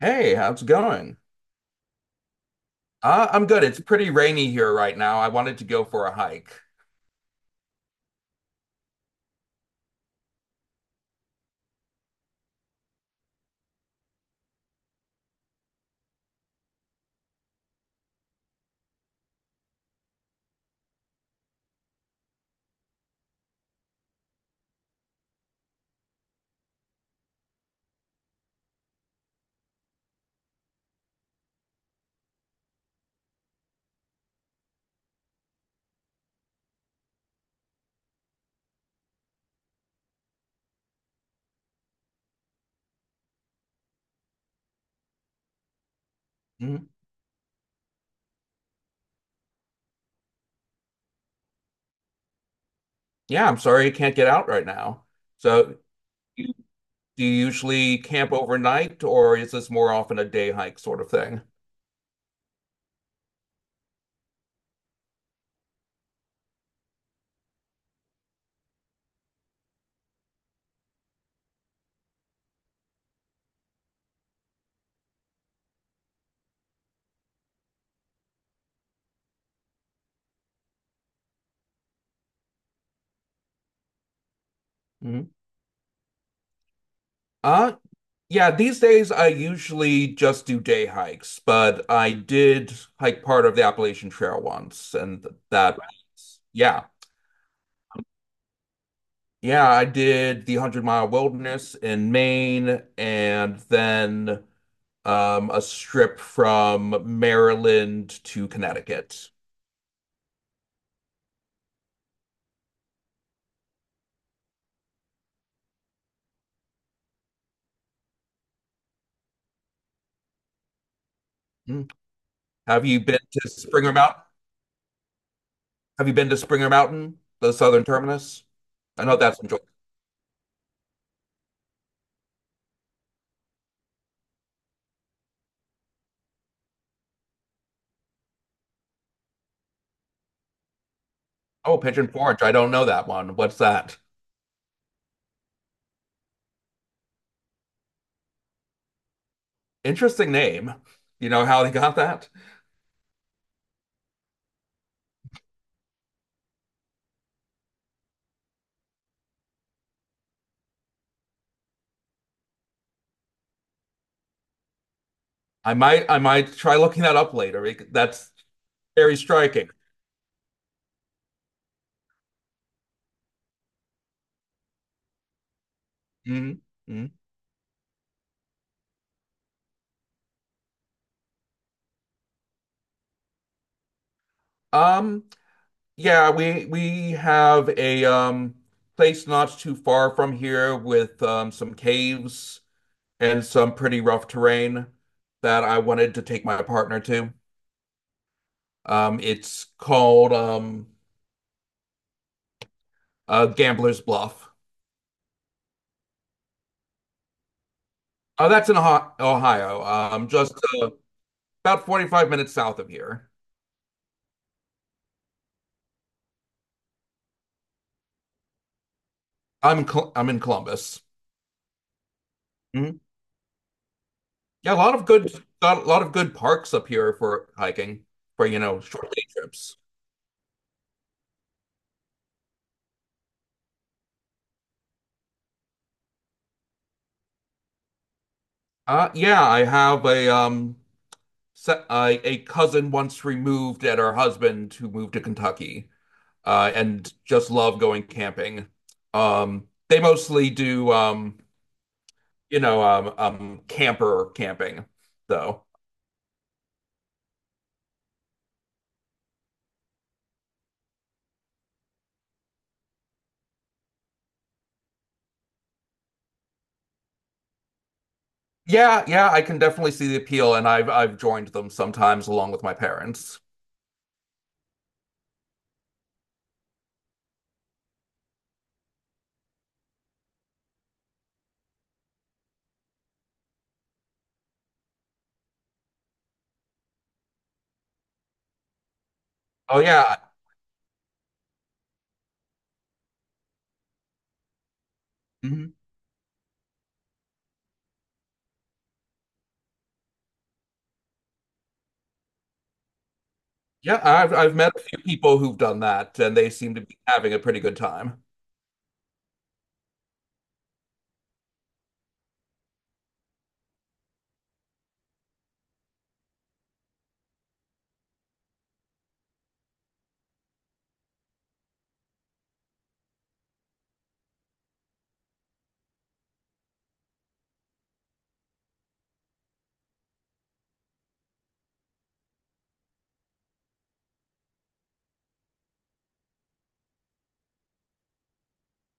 Hey, how's it going? I'm good. It's pretty rainy here right now. I wanted to go for a hike. Mhm. Yeah, I'm sorry you can't get out right now. So, you- do you usually camp overnight, or is this more often a day hike sort of thing? Mhm. Uh, yeah, these days I usually just do day hikes, but I did hike part of the Appalachian Trail once, and yeah. Yeah, I did the 100 Mile Wilderness in Maine, and then a strip from Maryland to Connecticut. Mm. Have you been to Springer Mountain? Have you been to Springer Mountain, the southern terminus? I know that's enjoyable. Oh, Pigeon Forge. I don't know that one. What's that? Interesting name. You know how they got that? I might try looking that up later. That's very striking. Mhm, mhm. Um, yeah, we have a place not too far from here with some caves and some pretty rough terrain that I wanted to take my partner to. It's called Gambler's Bluff. Oh, that's in Ohio, just uh, about 45 minutes south of here. I'm in Columbus. Mhm. Yeah, a lot of good parks up here for hiking for short day trips. Yeah, I have a a cousin once removed and her husband who moved to Kentucky. And just love going camping. They mostly do camper camping, though. Yeah, yeah, I can definitely see the appeal, and I've joined them sometimes along with my parents. Oh yeah. Mhm. Yeah, I've met a few people who've done that, and they seem to be having a pretty good time.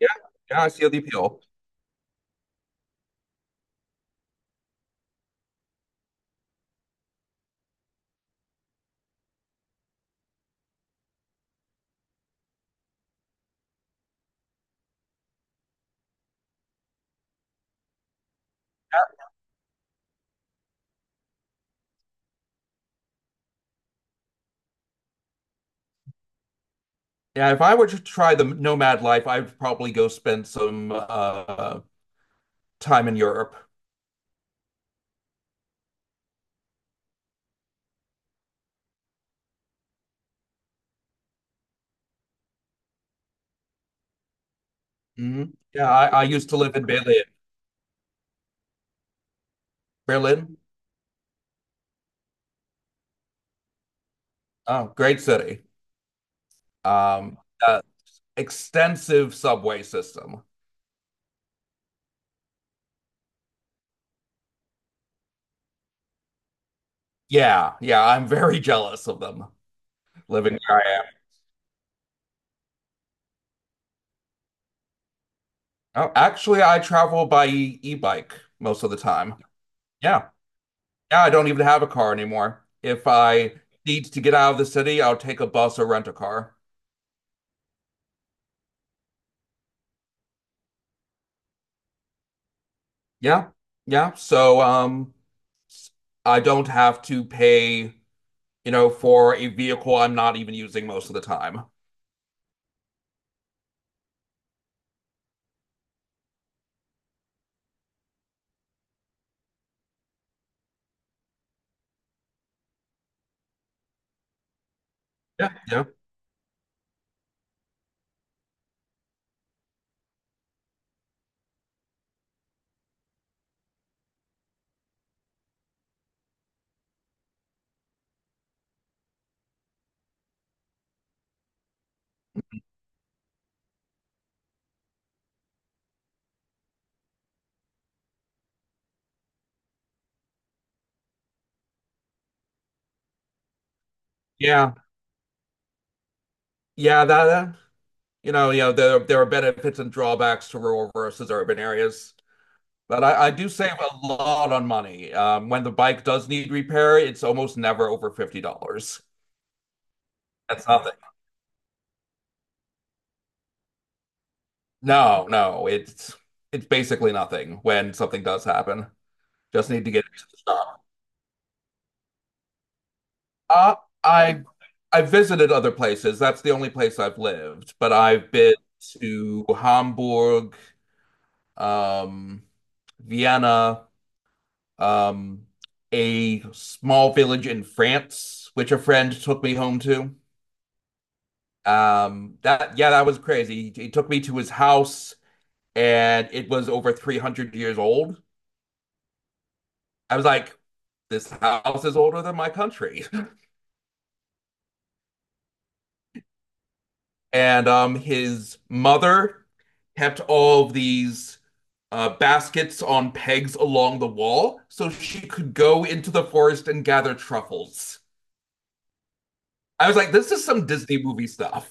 Yeah, yeah, I see the appeal. Yeah, if I were to try the nomad life, I'd probably go spend some time in Europe. Mhm. Yeah, I used to live in Berlin. Berlin. Oh, great city. Um, uh, Extensive subway system. Yeah, yeah, I'm very jealous of them living where I am. Oh, actually, I travel by e-bike most of the time. Yeah, yeah, I don't even have a car anymore. If I need to get out of the city, I'll take a bus or rent a car. Yeah, yeah. So, I don't have to pay, you know, for a vehicle I'm not even using most of the time. Yeah, yeah, yeah, yeah. That you know, there are benefits and drawbacks to rural versus urban areas. But I do save a lot on money. When the bike does need repair, it's almost never over $50. That's nothing. No, no, it's basically nothing when something does happen. Just need to get it to the shop. Uh, I I visited other places. That's the only place I've lived, but I've been to Hamburg, um, Vienna, um, a small village in France, which a friend took me home to. That Yeah, that was crazy. He took me to his house, and it was over 300 years old. I was like, this house is older than my country. And his mother kept all of these baskets on pegs along the wall so she could go into the forest and gather truffles. I was like, this is some Disney movie stuff.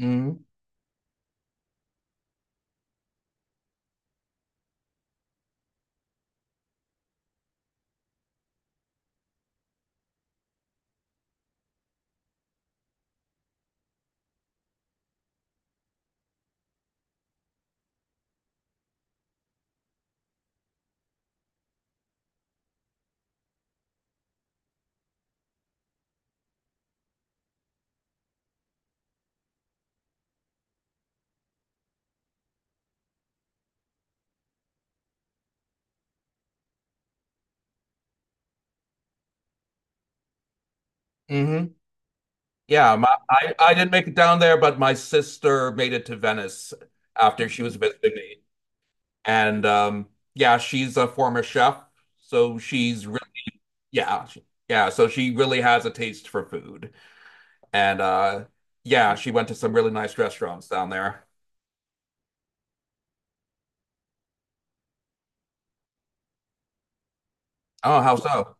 Mm-hmm. Mm-hmm. Yeah, I didn't make it down there, but my sister made it to Venice after she was visiting me. And yeah, she's a former chef, so she's yeah, she- yeah, so she really has a taste for food. And yeah, she went to some really nice restaurants down there. Oh, how so?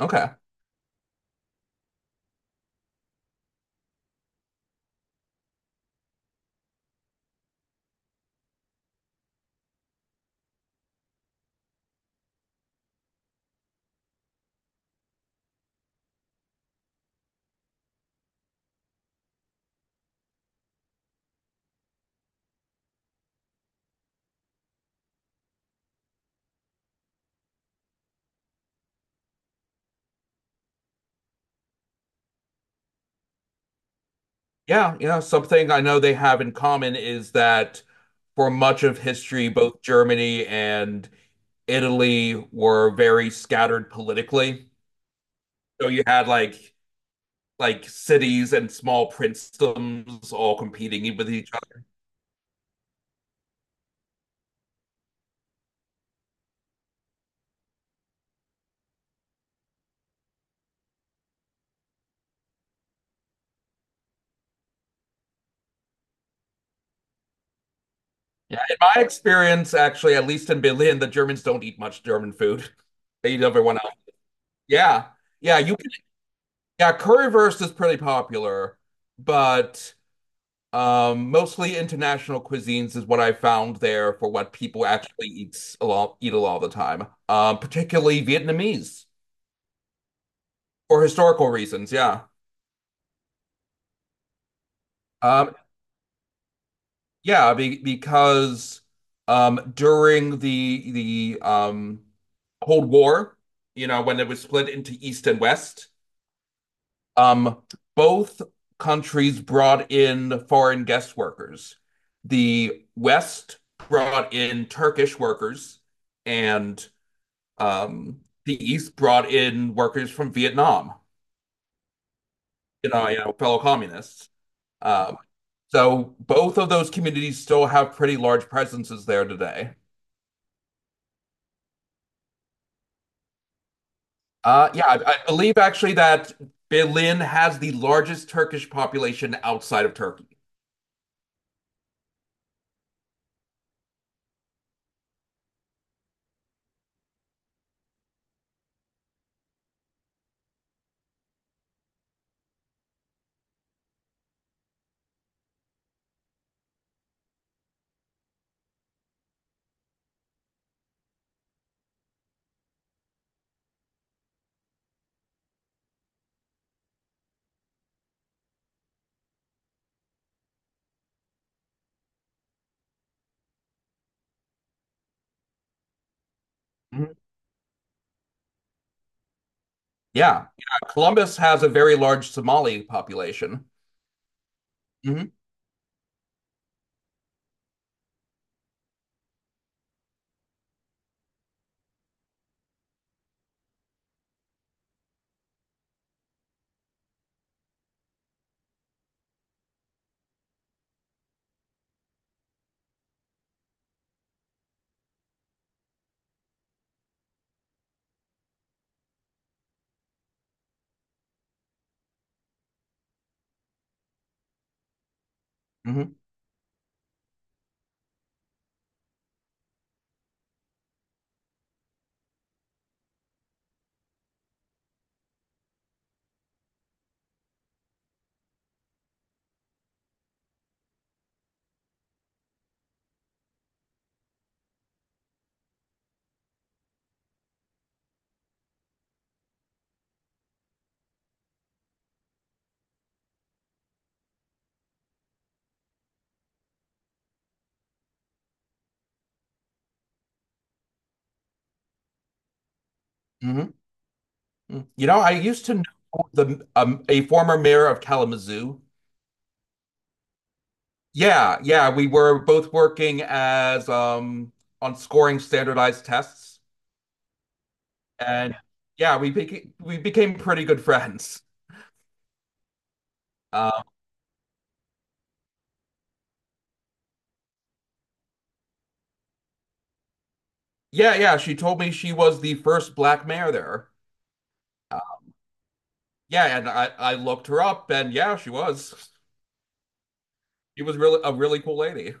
Okay. Yeah, yeah, something I know they have in common is that for much of history, both Germany and Italy were very scattered politically. So you had like cities and small princedoms all competing with each other. Yeah, in my experience, actually, at least in Berlin, the Germans don't eat much German food. They eat everyone else. Yeah, yeah, yeah, currywurst is pretty popular, but mostly international cuisines is what I found there for what people actually eats a lot eat a lot of the time. Particularly Vietnamese for historical reasons. Yeah. Um, yeah, because during the Cold War, you know, when it was split into East and West, um, both countries brought in foreign guest workers. The West brought in Turkish workers, and the East brought in workers from Vietnam, you know, fellow communists. Um, so both of those communities still have pretty large presences there today. Yeah, I believe actually that Berlin has the largest Turkish population outside of Turkey. Mhm. Yeah, yeah, Columbus has a very large Somali population. Mhm, mhm, mhm. Mm. You know, I used to know the a former mayor of Kalamazoo. Yeah, yeah, we were both working as on scoring standardized tests, and yeah, we became pretty good friends. Uh, yeah, yeah, she told me she was the first black mayor there. Yeah, and I looked her up, and yeah, she was. She was really a really cool lady.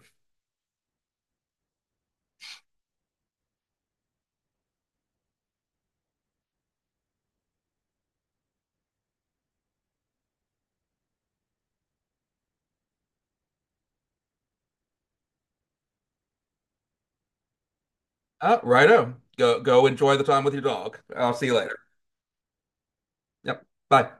Righto. Go enjoy the time with your dog. I'll see you later. Yep. Bye.